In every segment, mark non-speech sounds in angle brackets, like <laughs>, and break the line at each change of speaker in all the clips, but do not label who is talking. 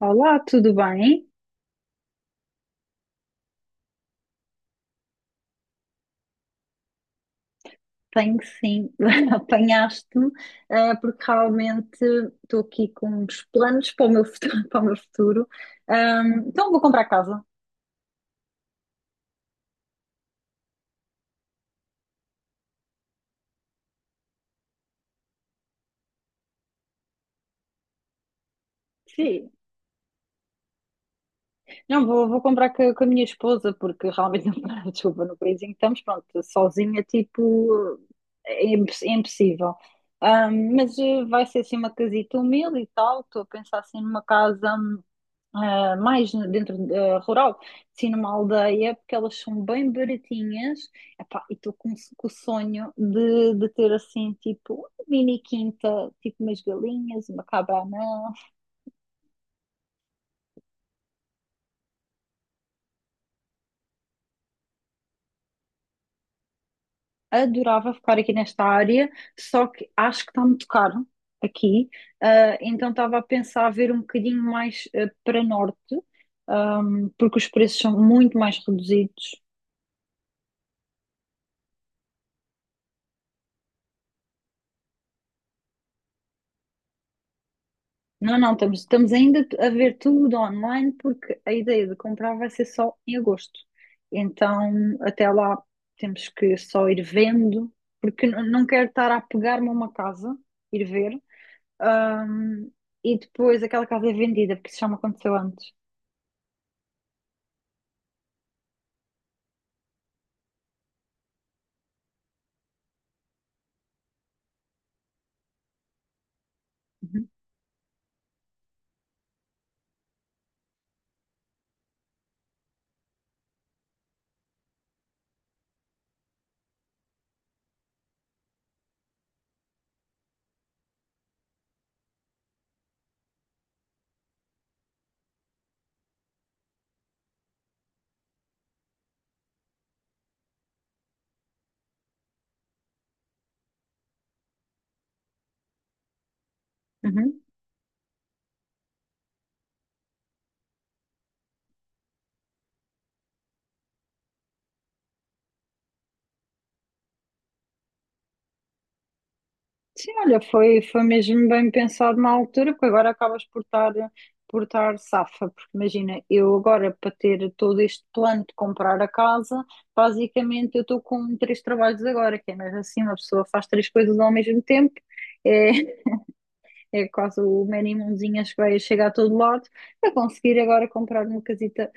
Olá, tudo bem? Tenho sim, <laughs> apanhaste-me, porque realmente estou aqui com uns planos para o meu futuro. <laughs> Para o meu futuro. Então vou comprar casa. Sim, não, vou comprar com, a minha esposa, porque realmente, <laughs> não, desculpa, no país em que estamos, pronto, sozinha, tipo, é, é impossível. Mas vai ser assim uma casita humilde e tal, estou a pensar assim numa casa. Mais dentro da rural, sim, numa aldeia, porque elas são bem baratinhas. Epá, e estou com o sonho de ter assim, tipo, uma mini quinta, tipo umas galinhas, uma cabana. Adorava ficar aqui nesta área, só que acho que está muito caro aqui. Então estava a pensar a ver um bocadinho mais para norte, porque os preços são muito mais reduzidos. Não, não, estamos ainda a ver tudo online porque a ideia de comprar vai ser só em agosto. Então, até lá temos que só ir vendo, porque não quero estar a pegar-me a uma casa, ir ver, ahm, e depois aquela casa é vendida, porque isso já me aconteceu antes. Uhum, uhum. Sim, olha, foi mesmo bem pensado na altura, porque agora acabas por estar safa, porque imagina, eu agora para ter todo este plano de comprar a casa, basicamente eu estou com três trabalhos agora, que é mesmo assim, uma pessoa faz três coisas ao mesmo tempo, é, <laughs> é quase o man em mãozinhas que vai chegar a todo lado, para conseguir agora comprar uma casita,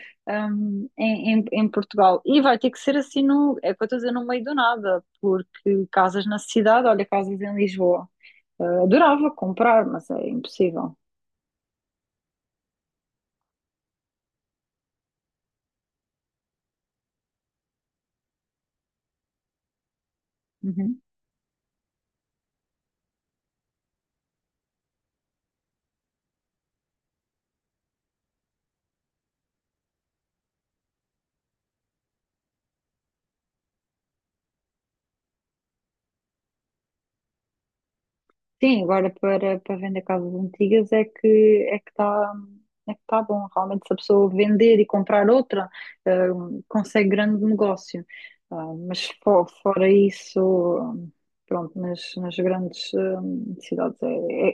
em Portugal. E vai ter que ser assim, no, é o que eu estou a dizer, no meio do nada, porque casas na cidade, olha, casas em Lisboa. Adorava comprar, mas é impossível. Uhum. Sim, agora para vender casas antigas é que está é que tá bom. Realmente, se a pessoa vender e comprar outra, eh, consegue grande negócio. Mas fora isso, pronto, nas grandes cidades é,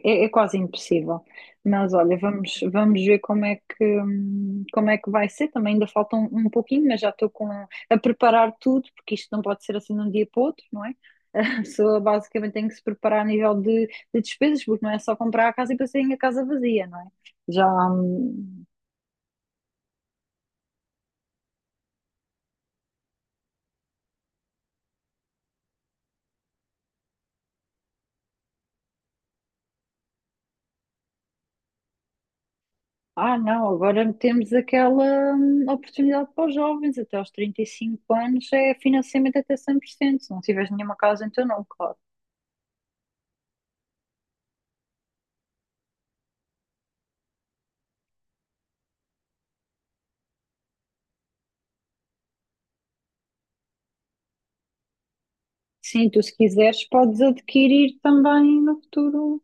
é, é é quase impossível. Mas olha, vamos ver como é que vai ser. Também ainda falta um pouquinho, mas já estou a preparar tudo, porque isto não pode ser assim de um dia para o outro, não é? <laughs> A pessoa basicamente tem que se preparar a nível de despesas, porque não é só comprar a casa e passarem a casa vazia, não é? Já. hum, não, agora temos aquela oportunidade para os jovens, até aos 35 anos é financiamento até 100% se não tiveres nenhuma casa, então não, claro. Sim, tu se quiseres podes adquirir também no futuro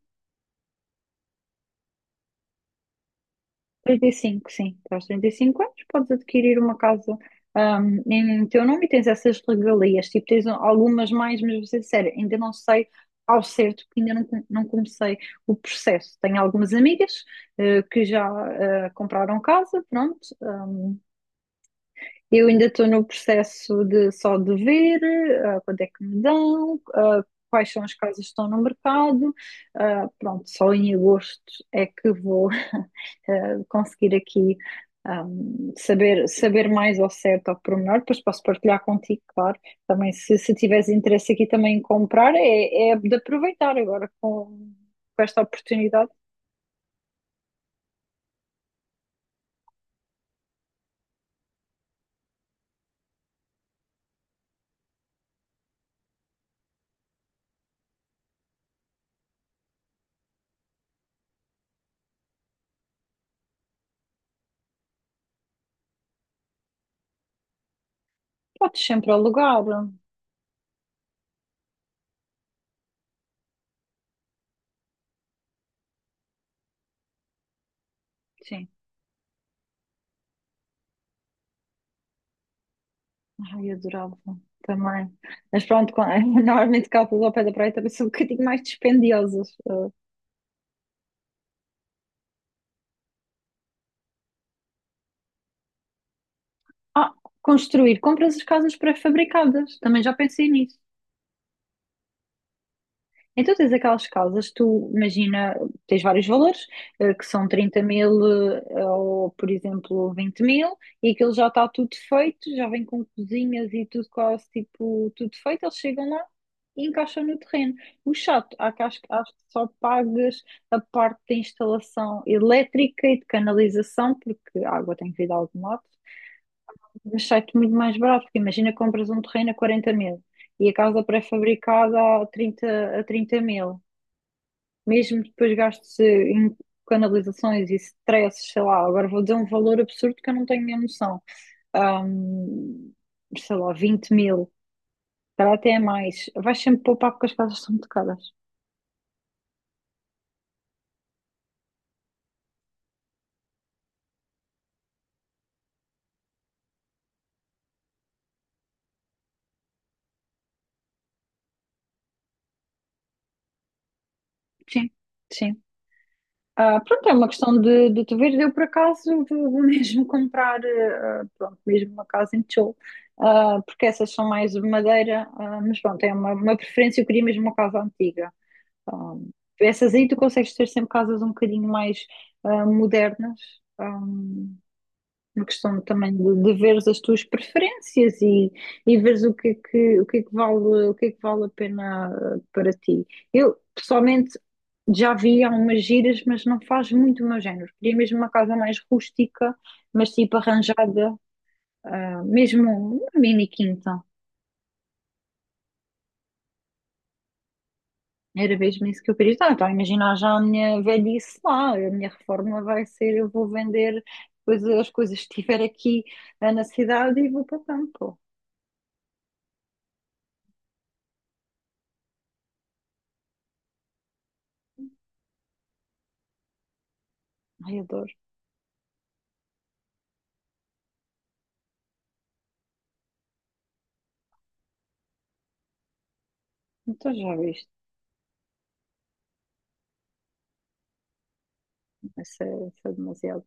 35 sim. Aos 35 anos podes adquirir uma casa em teu nome e tens essas regalias. Tipo, tens algumas mais, mas vou ser sério, ainda não sei ao certo, porque ainda não, não comecei o processo. Tenho algumas amigas que já compraram casa, pronto, eu ainda estou no processo de só de ver quanto é que me dão, quais são as casas que estão no mercado. Pronto, só em agosto é que vou <laughs> conseguir aqui ah, saber mais ao certo, ao pormenor. Depois posso partilhar contigo, claro. Também, se tiveres interesse aqui também em comprar, é de aproveitar agora com esta oportunidade. Podes sempre alugar, sim. Ai, eu adorava também. Mas pronto, <laughs> normalmente casas ao pé da praia também são um bocadinho mais dispendiosas. Ah, Construir, compras as casas pré-fabricadas. Também já pensei nisso. Então tens aquelas casas, tu imagina, tens vários valores, que são 30 mil ou, por exemplo, 20 mil, e aquilo já está tudo feito, já vem com cozinhas e tudo quase, tipo, tudo feito, eles chegam lá e encaixam no terreno. O chato, há que acho que só pagas a parte da instalação elétrica e de canalização, porque a água tem que vir de algum lado, mas sai-te muito mais barato, porque imagina compras um terreno a 40 mil. E a casa pré-fabricada a trinta mil mesmo depois gastos em canalizações e stresses, sei lá, agora vou dizer um valor absurdo que eu não tenho a noção. Ahm, Sei lá, 20 mil, para até é mais, vais sempre poupar porque as casas são muito caras. Sim, sim. Pronto, é uma questão de tu ver. Eu, por acaso, vou <laughs> mesmo comprar, pronto, mesmo uma casa em tijolo, porque essas são mais de madeira, mas pronto, é uma preferência. Eu queria mesmo uma casa antiga. Um, Essas aí tu consegues ter sempre casas um bocadinho mais modernas, um, uma questão também de veres as tuas preferências e veres o que é que vale a pena para ti. Eu, pessoalmente, já vi algumas giras, mas não faz muito o meu género. Queria mesmo uma casa mais rústica, mas tipo arranjada, mesmo uma mini quinta. Era mesmo isso que eu queria. Então, imagina já a minha velhice lá, a minha reforma vai ser, eu vou vender coisas, as coisas que tiver aqui na cidade e vou para o campo. Ai, adoro. Então já viste, isso é demasiado.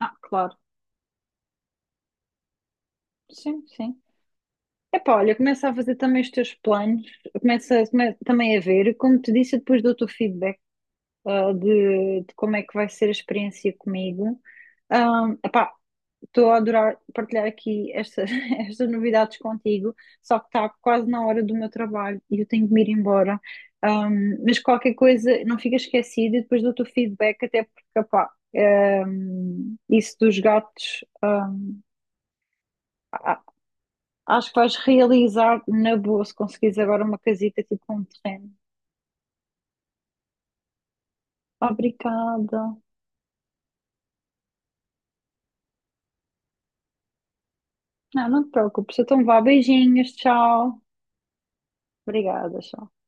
Claro, sim, sim. Epá, olha, começa a fazer também os teus planos, também a ver, como te disse, eu depois dou-te o feedback de como é que vai ser a experiência comigo. Epá, estou a adorar partilhar aqui estas, <laughs> estas novidades contigo, só que está quase na hora do meu trabalho e eu tenho de me ir embora. Mas qualquer coisa, não fica esquecido e depois dou-te o feedback, até porque, pá, isso dos gatos, a- acho que vais realizar na boa se conseguires agora uma casita tipo com um terreno. Obrigada. Não, não te preocupes, então vá, beijinhos, tchau. Obrigada, tchau.